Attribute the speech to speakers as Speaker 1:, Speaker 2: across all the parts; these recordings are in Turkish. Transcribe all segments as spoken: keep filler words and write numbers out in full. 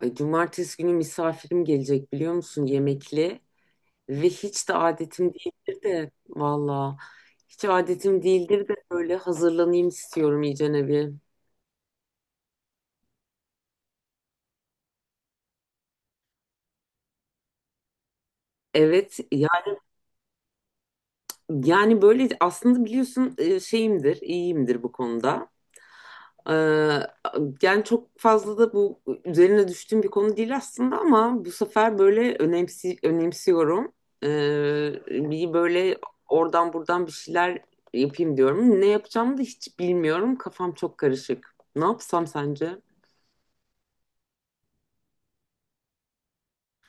Speaker 1: Ay, Cumartesi günü misafirim gelecek biliyor musun, yemekli. Ve hiç de adetim değildir de valla, hiç adetim değildir de böyle hazırlanayım istiyorum iyicene bir. Evet ya, yani böyle aslında biliyorsun e, şeyimdir, iyiyimdir bu konuda. Ee, Yani çok fazla da bu üzerine düştüğüm bir konu değil aslında, ama bu sefer böyle önemsi, önemsiyorum. Ee, bir böyle oradan buradan bir şeyler yapayım diyorum. Ne yapacağımı da hiç bilmiyorum. Kafam çok karışık. Ne yapsam sence?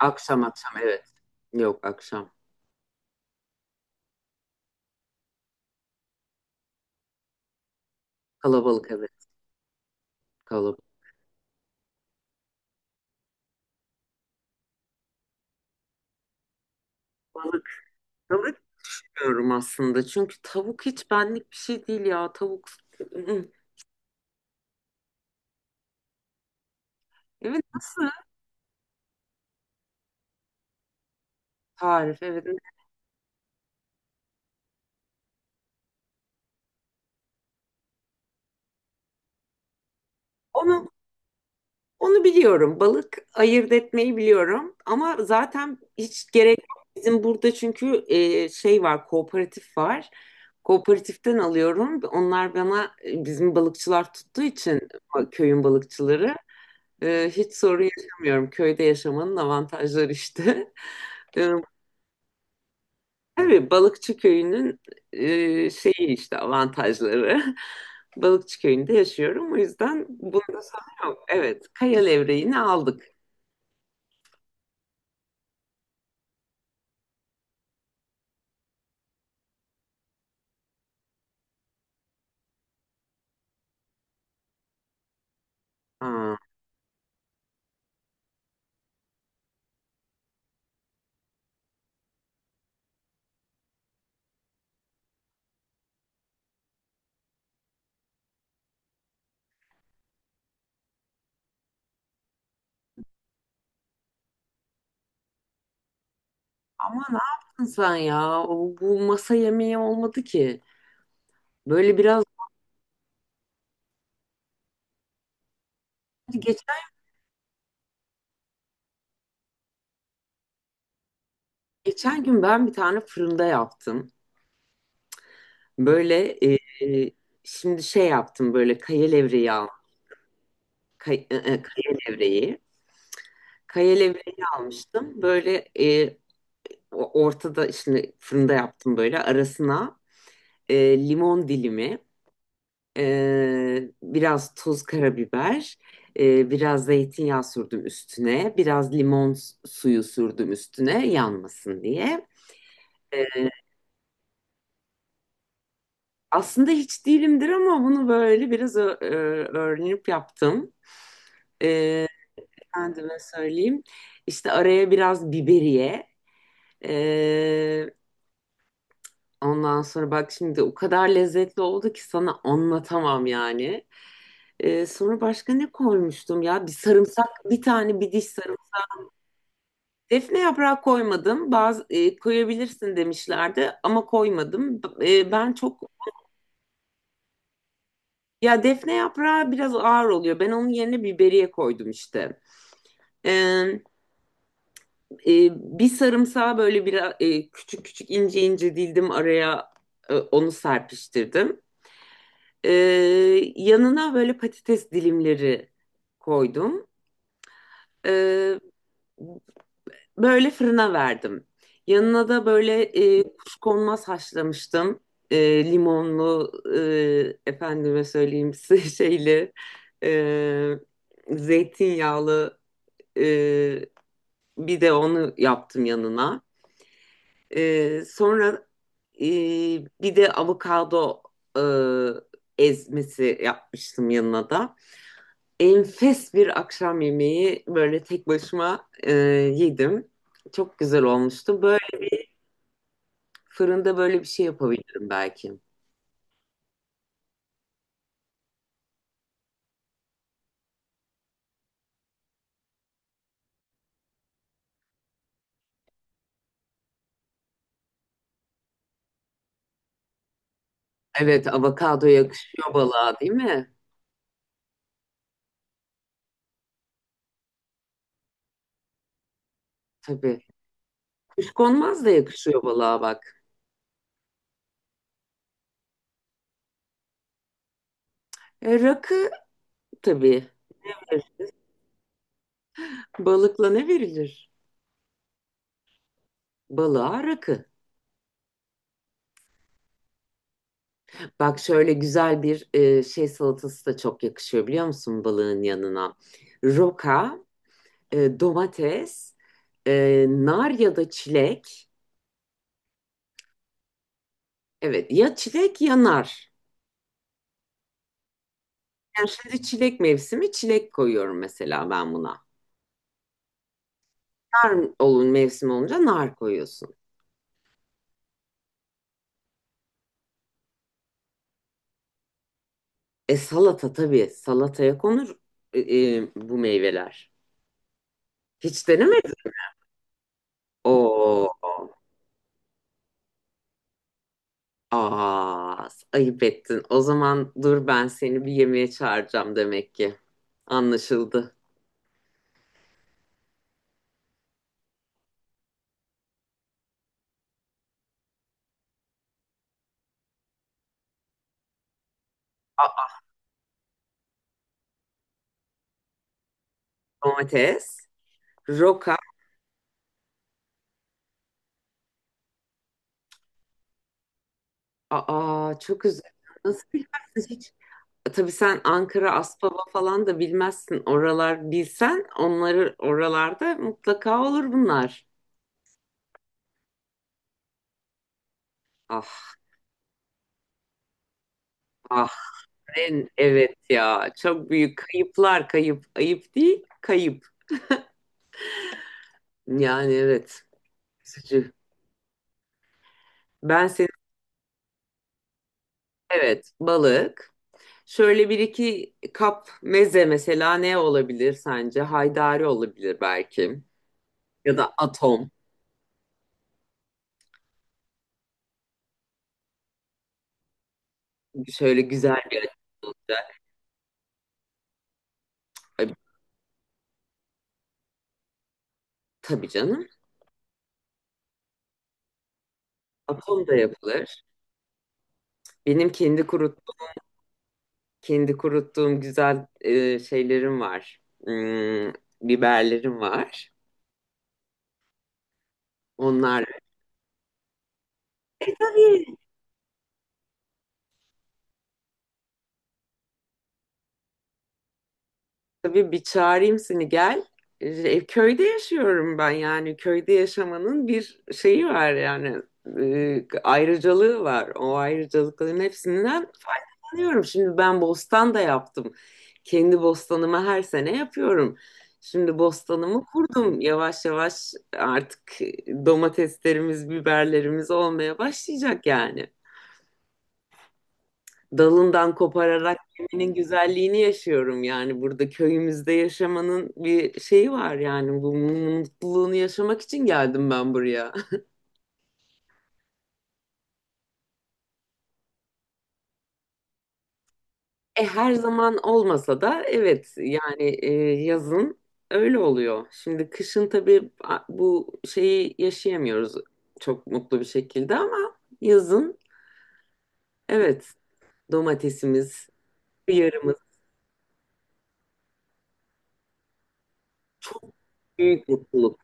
Speaker 1: Akşam akşam, evet. Yok, akşam. Kalabalık, evet. Kalabalık. Balık, balık diyorum aslında. Çünkü tavuk hiç benlik bir şey değil ya. Tavuk. Evet, nasıl? Tarif, evet. Onu Onu biliyorum. Balık ayırt etmeyi biliyorum. Ama zaten hiç gerek yok. Bizim burada çünkü e, şey var, kooperatif var. Kooperatiften alıyorum. Onlar bana, e, bizim balıkçılar tuttuğu için, e, köyün balıkçıları, e, hiç sorun yaşamıyorum. Köyde yaşamanın avantajları işte. E, tabii balıkçı köyünün e, şeyi işte, avantajları. Balıkçı köyünde yaşıyorum. O yüzden bunda sorun yok. Evet, kaya levreğini aldık. Aa. Ama ne yaptın sen ya? O- Bu masa yemeği olmadı ki. Böyle biraz geçen geçen gün ben bir tane fırında yaptım. Böyle e, e, şimdi şey yaptım böyle, kaya levreği al, kay- e, e, kaya levreği. Kaya levreği almıştım. Böyle, e, o- ortada şimdi fırında yaptım, böyle arasına e, limon dilimi. Ee, biraz tuz, karabiber, ee, biraz zeytinyağı sürdüm üstüne, biraz limon suyu sürdüm üstüne yanmasın diye. Ee, Aslında hiç değilimdir ama bunu böyle biraz ö- ö- öğrenip yaptım. Ee, Kendime söyleyeyim. İşte araya biraz biberiye. ee, Ondan sonra bak şimdi o kadar lezzetli oldu ki sana anlatamam yani. Ee, sonra başka ne koymuştum ya? Bir sarımsak, bir tane, bir diş sarımsak. Defne yaprağı koymadım. Bazı, e, koyabilirsin demişlerdi ama koymadım. E, ben çok Ya defne yaprağı biraz ağır oluyor. Ben onun yerine biberiye koydum işte. E, e, Bir sarımsağı böyle bir küçük küçük, ince ince dildim araya, e, onu serpiştirdim. E, Yanına böyle patates dilimleri koydum. E, Böyle fırına verdim. Yanına da böyle, e, kuşkonmaz haşlamıştım. E, limonlu, e, efendime söyleyeyim size şeyli, e, zeytinyağlı, e, bir de onu yaptım yanına. E, sonra e, bir de avokado e, ezmesi yapmıştım yanına da. Enfes bir akşam yemeği, böyle tek başıma e, yedim. Çok güzel olmuştu. Böyle fırında böyle bir şey yapabilirim belki. Evet, avokado yakışıyor balığa, değil mi? Tabii. Kuşkonmaz da yakışıyor balığa bak. E, rakı tabii. Balıkla ne verilir? Balığa rakı. Bak şöyle güzel bir e, şey salatası da çok yakışıyor biliyor musun balığın yanına? Roka, e, domates, e, nar ya da çilek. Evet ya, çilek ya nar. Yani şimdi çilek mevsimi, çilek koyuyorum mesela ben buna. Nar olun, mevsim olunca nar koyuyorsun. E salata tabii. Salataya konur e, e, bu meyveler. Hiç denemedin. Oo. Aa, ayıp ettin. O zaman dur, ben seni bir yemeğe çağıracağım demek ki. Anlaşıldı. Aa, domates, roka. Aa, çok güzel. Nasıl bilmezsin hiç? E, tabii sen Ankara, Aspava falan da bilmezsin. Oralar bilsen, onları oralarda mutlaka olur bunlar. Ah, ah. En evet ya, çok büyük kayıplar. Kayıp, ayıp değil, kayıp yani. Evet, üzücü. Ben seni Evet balık, şöyle bir iki kap meze mesela, ne olabilir sence? Haydari olabilir belki, ya da atom. Şöyle güzel bir atom olacak. Ay, tabii canım, atom da yapılır. Benim kendi kuruttuğum kendi kuruttuğum güzel e, şeylerim var. Hmm, biberlerim var, onlar. E, tabii. Tabii bir çağırayım seni, gel. E, köyde yaşıyorum ben, yani köyde yaşamanın bir şeyi var yani, e, ayrıcalığı var. O ayrıcalıkların hepsinden faydalanıyorum. Şimdi ben bostan da yaptım. Kendi bostanımı her sene yapıyorum. Şimdi bostanımı kurdum. Yavaş yavaş artık domateslerimiz, biberlerimiz olmaya başlayacak. Yani dalından kopararak yemenin güzelliğini yaşıyorum yani, burada köyümüzde yaşamanın bir şeyi var yani, bu mutluluğunu yaşamak için geldim ben buraya. E her zaman olmasa da evet yani, e, yazın öyle oluyor. Şimdi kışın tabii a- bu şeyi yaşayamıyoruz çok mutlu bir şekilde, ama yazın evet, domatesimiz, yarımız, çok büyük mutluluk.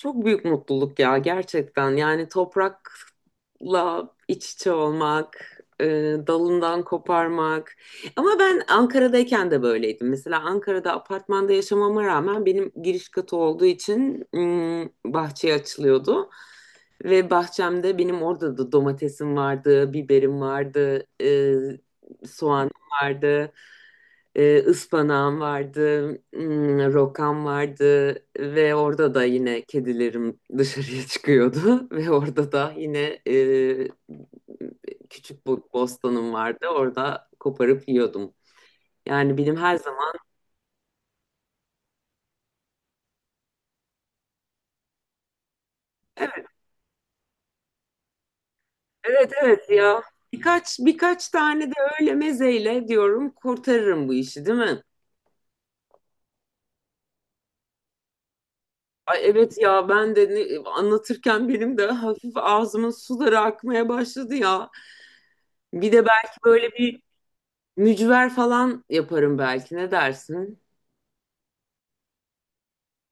Speaker 1: Çok büyük mutluluk ya, gerçekten. Yani toprakla iç içe olmak, e, dalından koparmak. Ama ben Ankara'dayken de böyleydim. Mesela Ankara'da apartmanda yaşamama rağmen, benim giriş katı olduğu için mm, bahçeye açılıyordu. Ve bahçemde benim, orada da domatesim vardı, biberim vardı, e, soğanım vardı. E, ıspanağım vardı, hmm, rokam vardı ve orada da yine kedilerim dışarıya çıkıyordu ve orada da yine e, küçük bo- bostanım vardı. Orada koparıp yiyordum. Yani benim her zaman Evet evet ya, birkaç birkaç tane de öyle mezeyle diyorum, kurtarırım bu işi değil mi? Ay evet ya, ben de ne- anlatırken benim de hafif ağzımın suları akmaya başladı ya. Bir de belki böyle bir mücver falan yaparım belki. Ne dersin?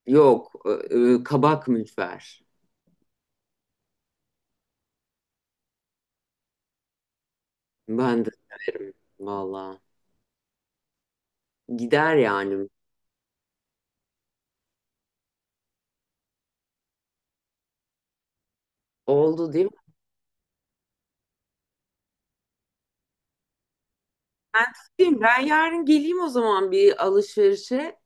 Speaker 1: Yok, e, e, kabak mücver. Ben de severim valla. Gider yani. Oldu değil mi? Ben tutayım. Ben yarın geleyim o zaman bir alışverişe.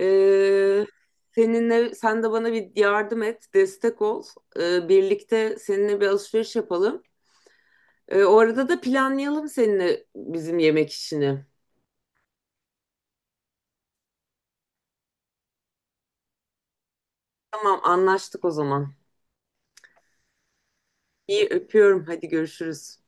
Speaker 1: Ee, Seninle, sen de bana bir yardım et, destek ol. Ee, birlikte seninle bir alışveriş yapalım. Ee, o arada da planlayalım seninle bizim yemek işini. Tamam, anlaştık o zaman. İyi öpüyorum. Hadi görüşürüz.